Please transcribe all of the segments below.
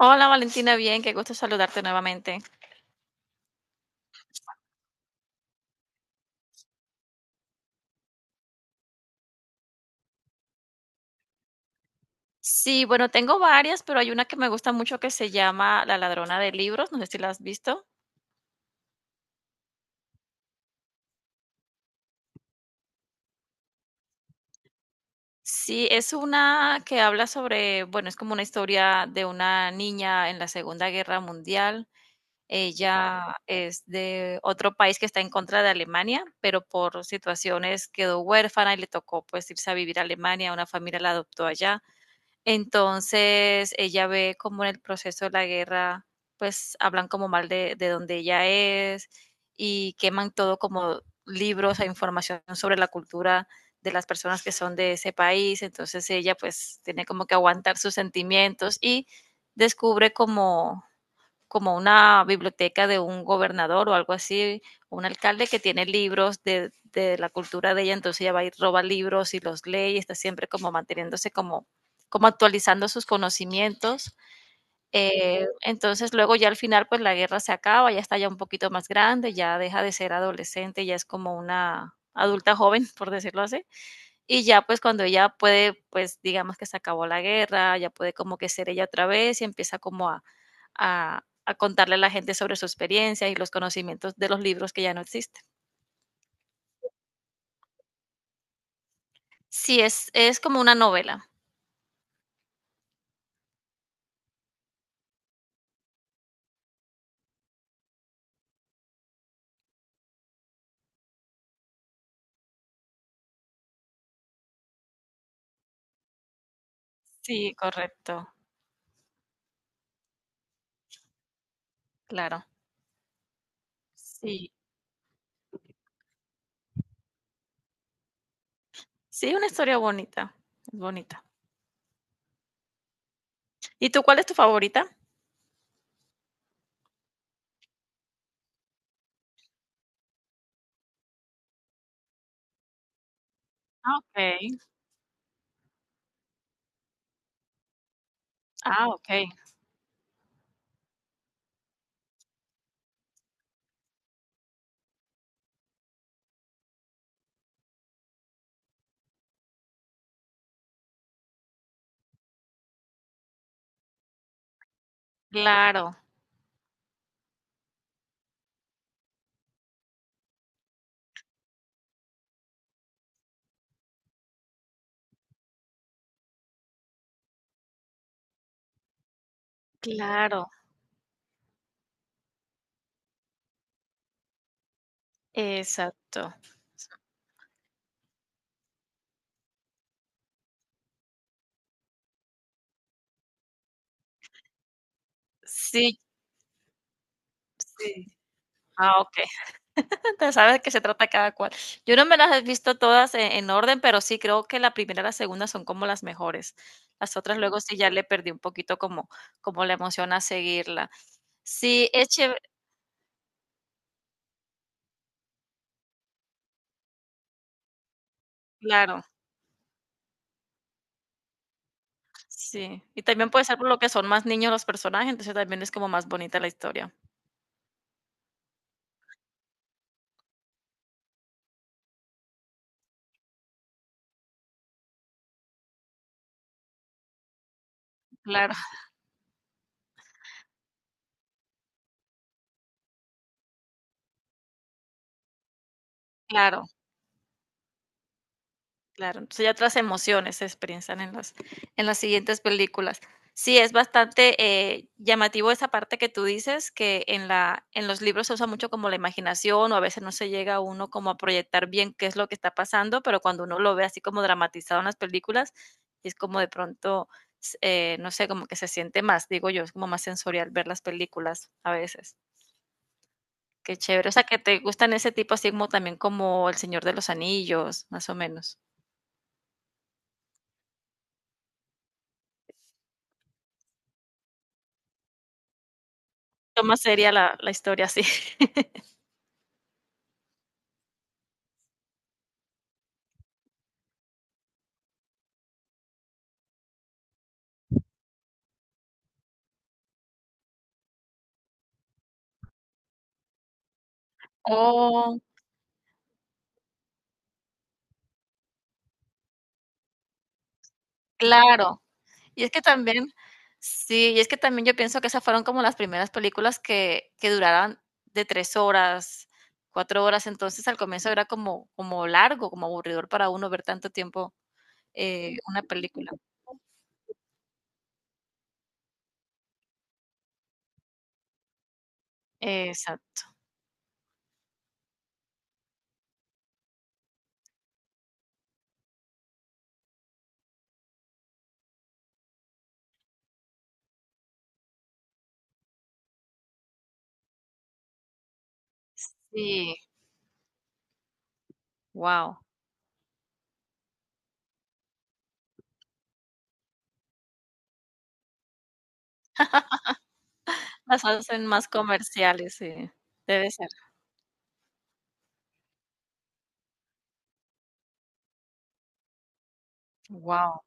Hola Valentina, bien, qué gusto saludarte nuevamente. Sí, bueno, tengo varias, pero hay una que me gusta mucho que se llama La ladrona de libros, no sé si la has visto. Sí, es una que habla sobre, bueno, es como una historia de una niña en la Segunda Guerra Mundial. Ella es de otro país que está en contra de Alemania, pero por situaciones quedó huérfana y le tocó pues irse a vivir a Alemania, una familia la adoptó allá. Entonces ella ve como en el proceso de la guerra, pues hablan como mal de donde ella es y queman todo como libros e información sobre la cultura de las personas que son de ese país. Entonces ella pues tiene como que aguantar sus sentimientos y descubre como una biblioteca de un gobernador o algo así, un alcalde que tiene libros de la cultura de ella, entonces ella va y roba libros y los lee y está siempre como manteniéndose como, como actualizando sus conocimientos. Entonces luego ya al final pues la guerra se acaba, ya está ya un poquito más grande, ya deja de ser adolescente, ya es como una adulta joven, por decirlo así. Y ya pues cuando ella puede, pues digamos que se acabó la guerra, ya puede como que ser ella otra vez y empieza como a contarle a la gente sobre su experiencia y los conocimientos de los libros que ya no existen. Sí, es como una novela. Sí, correcto, claro. Sí, sí, una historia bonita, es bonita. ¿Y tú cuál es tu favorita? Ah, okay, ah, okey. Claro, claro, exacto. Sí, sí. Ah, okey. Tú sabes que se trata cada cual. Yo no me las he visto todas en orden, pero sí creo que la primera y la segunda son como las mejores. Las otras sí. Luego sí ya le perdí un poquito como, como la emoción a seguirla. Sí, es chévere, claro, sí. Y también puede ser por lo que son más niños los personajes, entonces también es como más bonita la historia. Claro, claro. Claro, entonces ya otras emociones se expresan en las siguientes películas. Sí, es bastante llamativo esa parte que tú dices, que en la, en los libros se usa mucho como la imaginación, o a veces no se llega uno como a proyectar bien qué es lo que está pasando, pero cuando uno lo ve así como dramatizado en las películas, es como de pronto, no sé, como que se siente más, digo yo, es como más sensorial ver las películas a veces. Qué chévere. O sea, que te gustan ese tipo así como también como El Señor de los Anillos, más o menos. Más seria la historia, sí. Oh, claro. Y es que también sí, y es que también yo pienso que esas fueron como las primeras películas que duraran de 3 horas, 4 horas, entonces al comienzo era como como largo, como aburridor para uno ver tanto tiempo, una película. Exacto, sí, wow. Las hacen más comerciales, sí, debe ser, wow.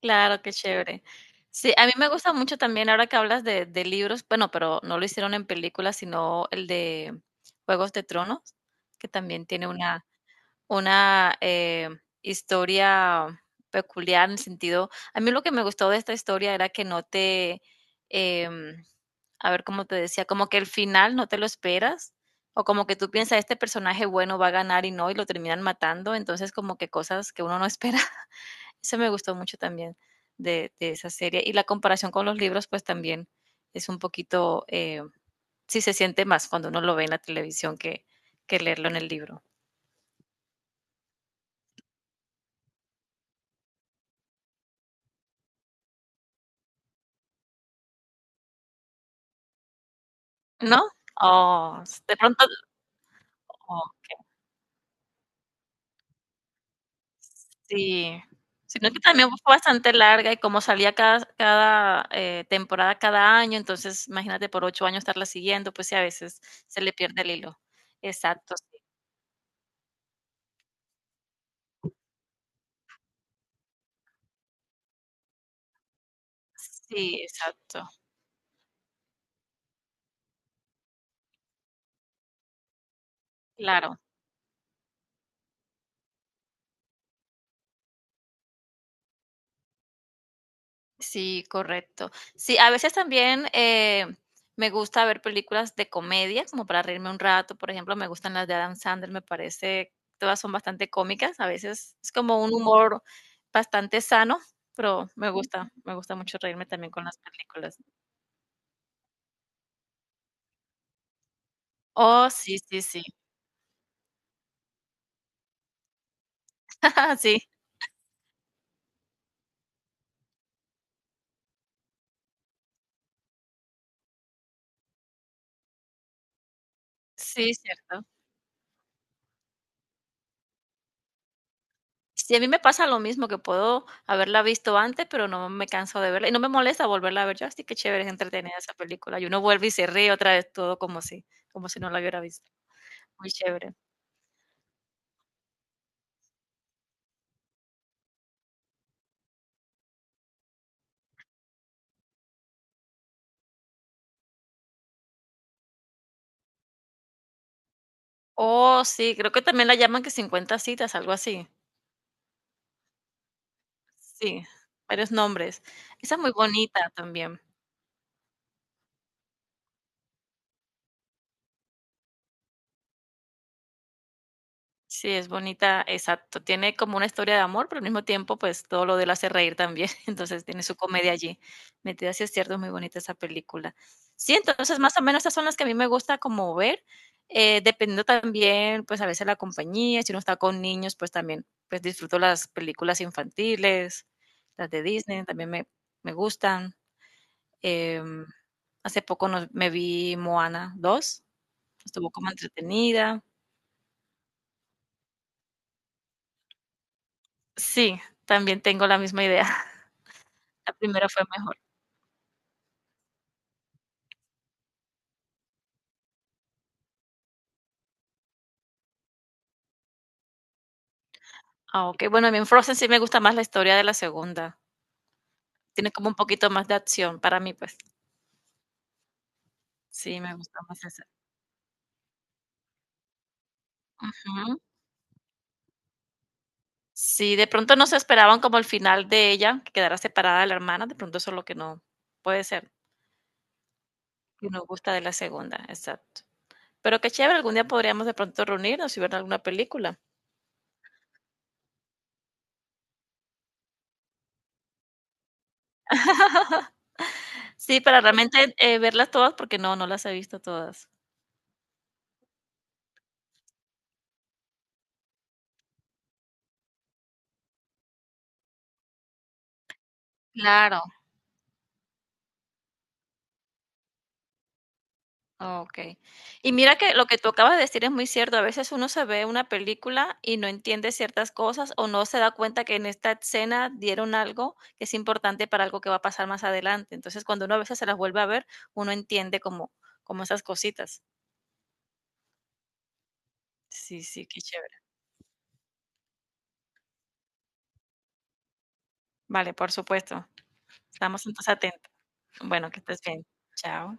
Claro, qué chévere. Sí, a mí me gusta mucho también ahora que hablas de libros, bueno, pero no lo hicieron en películas, sino el de Juegos de Tronos, que también tiene una, historia peculiar en el sentido a mí lo que me gustó de esta historia era que no te, em, a ver, ¿cómo te decía? Como que el final no te lo esperas, o como que tú piensas, este personaje bueno va a ganar y no, y lo terminan matando, entonces como que cosas que uno no espera. Eso me gustó mucho también de esa serie. Y la comparación con los libros, pues también es un poquito, sí se siente más cuando uno lo ve en la televisión que leerlo en el libro, ¿no? Oh, s de pronto, okey, sí. Sino que también fue bastante larga y como salía cada, temporada cada año, entonces imagínate por 8 años estarla siguiendo, pues sí, a veces se le pierde el hilo. Exacto, sí. Sí, exacto, claro. Sí, correcto. Sí, a veces también me gusta ver películas de comedia, como para reírme un rato. Por ejemplo, me gustan las de Adam Sandler, me parece, todas son bastante cómicas. A veces es como un humor bastante sano, pero me gusta mucho reírme también con las películas. Oh, sí, sí, sí. Sí, sí, cierto. Sí, a mí me pasa lo mismo, que puedo haberla visto antes, pero no me canso de verla, y no me molesta volverla a ver. Yo, así que chévere, es entretenida esa película. Y uno vuelve y se ríe otra vez todo como si no la hubiera visto. Muy chévere. Oh, sí, creo que también la llaman que 50 citas, algo así. Sí, varios nombres. Esa es muy bonita también. Sí, es bonita, exacto. Tiene como una historia de amor, pero al mismo tiempo, pues todo lo de él hace reír también. Entonces tiene su comedia allí. Metida, Si es cierto, es muy bonita esa película. Sí, entonces más o menos esas son las que a mí me gusta como ver, dependiendo también, pues a veces la compañía, si uno está con niños, pues también, pues disfruto las películas infantiles, las de Disney, también me gustan. Em, Hace poco me vi Moana 2. Estuvo como entretenida. Sí, también tengo la misma idea. La primera fue mejor. Ah, okey. Bueno, a mí en Frozen sí me gusta más la historia de la segunda. Tiene como un poquito más de acción para mí, pues. Sí, me gusta más esa. Ujú. Sí, de pronto no se esperaban como el final de ella, que quedara separada de la hermana, de pronto eso es lo que no puede ser, que no gusta de la segunda, exacto. Pero qué chévere, algún día podríamos de pronto reunirnos y ver alguna película. Sí, para realmente, verlas todas, porque no, no las he visto todas. Claro. Okey. Y mira que lo que tú acabas de decir es muy cierto. A veces uno se ve una película y no entiende ciertas cosas, o no se da cuenta que en esta escena dieron algo que es importante para algo que va a pasar más adelante. Entonces, cuando uno a veces se las vuelve a ver, uno entiende como esas cositas. Sí, sí, qué chévere. Vale, por supuesto. Estamos entonces atentos. Bueno, que estés bien. Chao.